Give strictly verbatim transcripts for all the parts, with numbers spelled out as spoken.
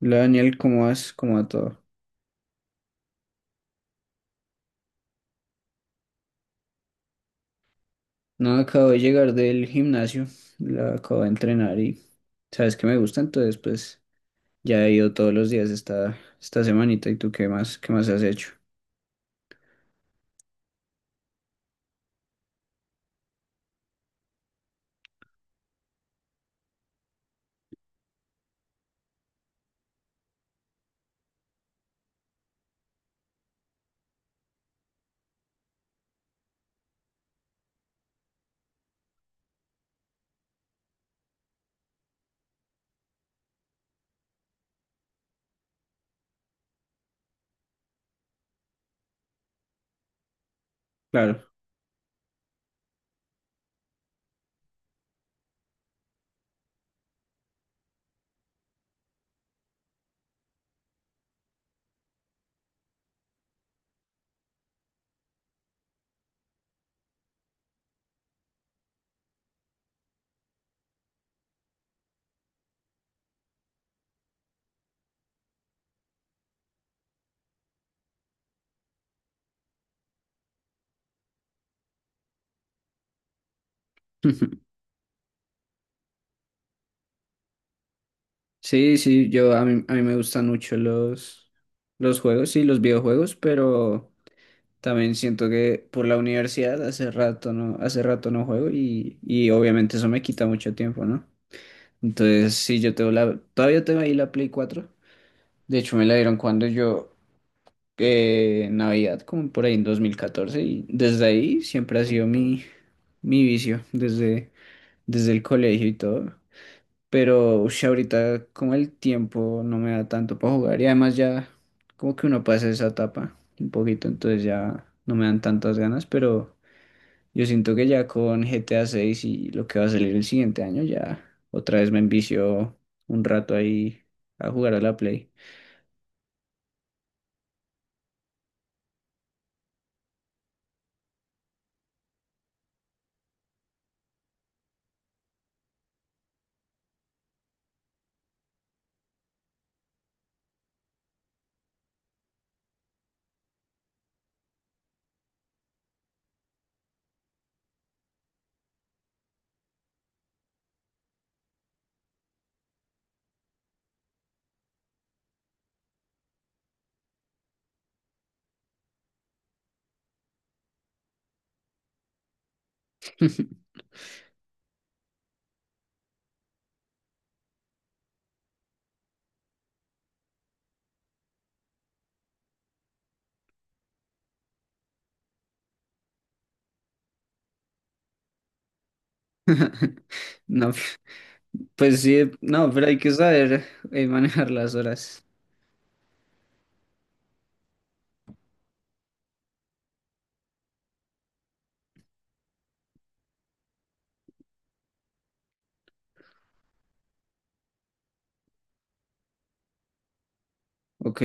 Hola Daniel, ¿cómo vas? ¿Cómo va todo? No, acabo de llegar del gimnasio, la acabo de entrenar y sabes que me gusta, entonces pues ya he ido todos los días esta, esta semanita y tú qué más, qué más has hecho. Claro. Sí, sí, yo a mí, a mí me gustan mucho los, los juegos y los videojuegos, pero también siento que por la universidad hace rato no, hace rato no juego y, y obviamente eso me quita mucho tiempo, ¿no? Entonces, sí, yo tengo la, todavía tengo ahí la Play cuatro. De hecho, me la dieron cuando yo, eh, Navidad, como por ahí en dos mil catorce y desde ahí siempre ha sido mi, mi vicio, desde, desde el colegio y todo. Pero ush, ahorita como el tiempo no me da tanto para jugar y además ya como que uno pasa esa etapa un poquito, entonces ya no me dan tantas ganas, pero yo siento que ya con G T A seis y lo que va a salir el siguiente año, ya otra vez me envicio un rato ahí a jugar a la Play. No. Pues sí, no, pero hay que saber eh, manejar las horas. Ok,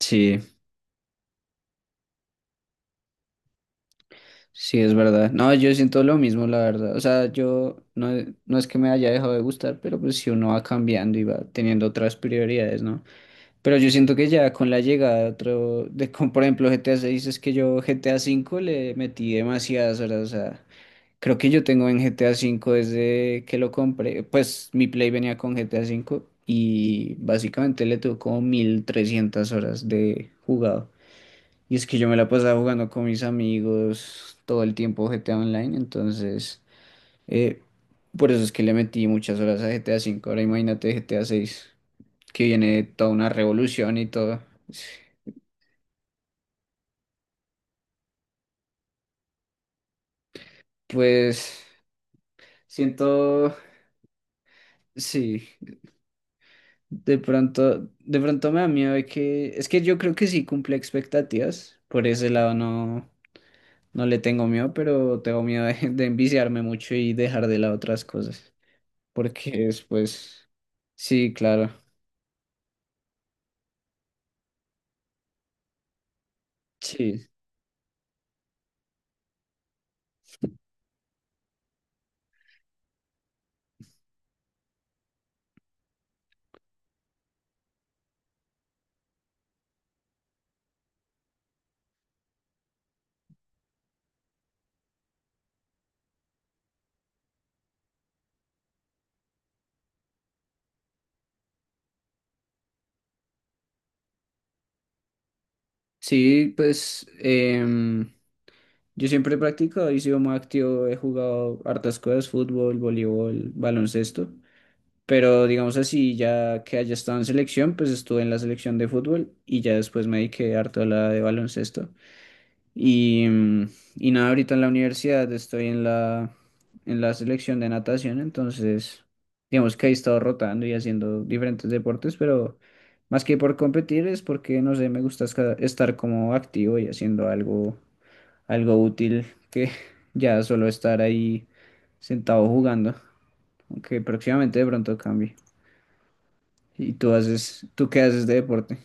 sí, sí, es verdad. No, yo siento lo mismo, la verdad. O sea, yo no, no es que me haya dejado de gustar, pero pues si uno va cambiando y va teniendo otras prioridades, ¿no? Pero yo siento que ya con la llegada de otro, de, como por ejemplo G T A seis, es que yo G T A cinco le metí demasiadas horas, o sea. Creo que yo tengo en G T A cinco desde que lo compré. Pues mi Play venía con G T A cinco y básicamente le tuvo como mil trescientas horas de jugado. Y es que yo me la pasaba jugando con mis amigos todo el tiempo G T A Online, entonces eh, por eso es que le metí muchas horas a G T A cinco. Ahora imagínate G T A seis, que viene toda una revolución y todo. Pues siento, sí. De pronto, de pronto me da miedo de que, es que yo creo que sí cumple expectativas, por ese lado no, no le tengo miedo, pero tengo miedo de, de enviciarme mucho y dejar de lado otras cosas, porque después, sí, claro, sí, sí, pues em, yo siempre he practicado y sido muy activo, he jugado hartas cosas, fútbol, voleibol, baloncesto. Pero digamos así, ya que haya estado en selección, pues estuve en la selección de fútbol y ya después me dediqué harto a la de baloncesto. Y, mm, y nada, ahorita en la universidad estoy en la, en la selección de natación, entonces digamos que he estado rotando y haciendo diferentes deportes, pero más que por competir es porque, no sé, me gusta esca- estar como activo y haciendo algo, algo útil que ya solo estar ahí sentado jugando, aunque próximamente de pronto cambie. ¿Y tú haces, tú qué haces de deporte?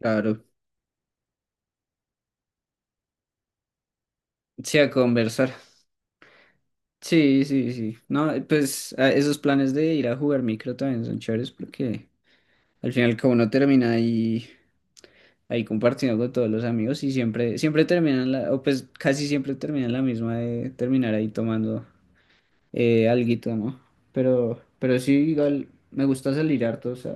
Claro, sí, a conversar. Sí, sí, sí. No, eh, pues a- esos planes de ir a jugar micro también son chéveres porque al final como uno termina ahí, ahí compartiendo con todos los amigos y siempre, siempre terminan la, o pues casi siempre terminan la misma de terminar ahí tomando eh, alguito, ¿no? Pero, pero sí, igual me gusta salir harto, o sea,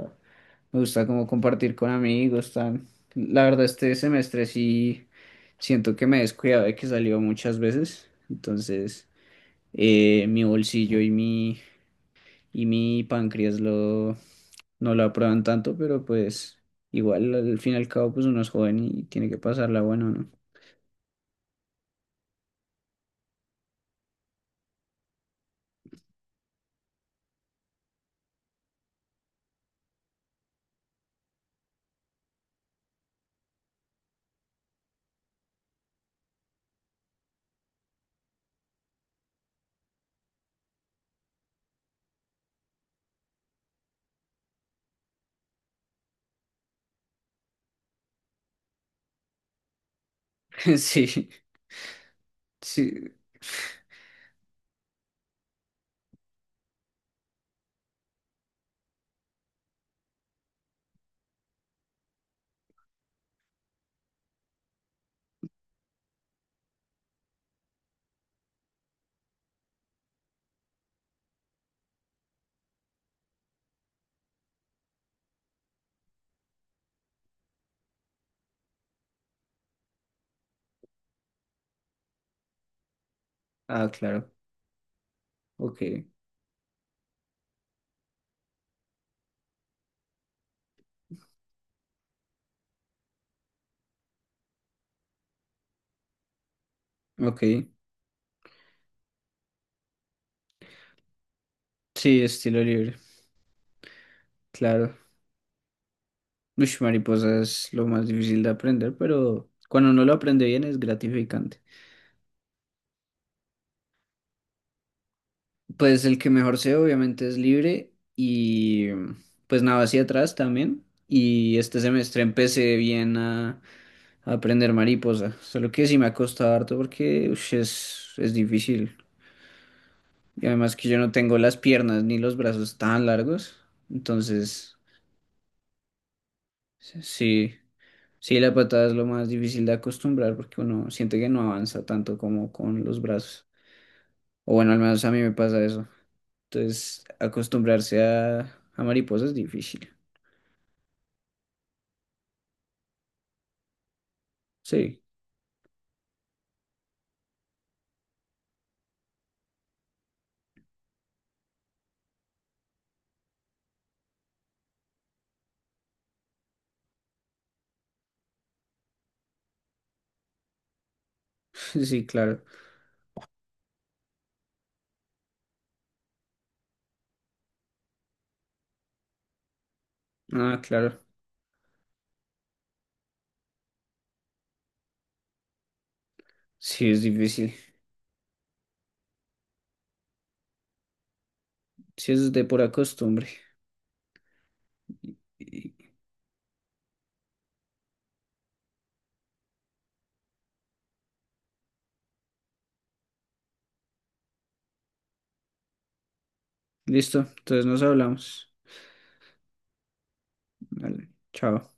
me gusta como compartir con amigos, tan. La verdad este semestre sí siento que me he descuidado de que salió muchas veces, entonces eh, mi bolsillo y mi y mi páncreas lo, no lo aprueban tanto, pero pues igual al fin y al cabo pues uno es joven y tiene que pasarla bueno, ¿no? Sí, sí. Ah, claro. Ok, ok. Sí, estilo libre, claro. Uy, mariposa es lo más difícil de aprender, pero cuando uno lo aprende bien es gratificante. Pues el que mejor sé obviamente es libre y pues nada hacia atrás también. Y este semestre empecé bien a aprender mariposa. Solo que sí me ha costado harto porque ush, es, es difícil. Y además que yo no tengo las piernas ni los brazos tan largos. Entonces, sí, sí, la patada es lo más difícil de acostumbrar porque uno siente que no avanza tanto como con los brazos. O bueno, al menos a mí me pasa eso. Entonces, acostumbrarse a, a mariposa es difícil. Sí, sí, claro. Ah, claro. Sí, es difícil. Sí, es de pura costumbre. Y- y- Listo, entonces nos hablamos. Vale, chao.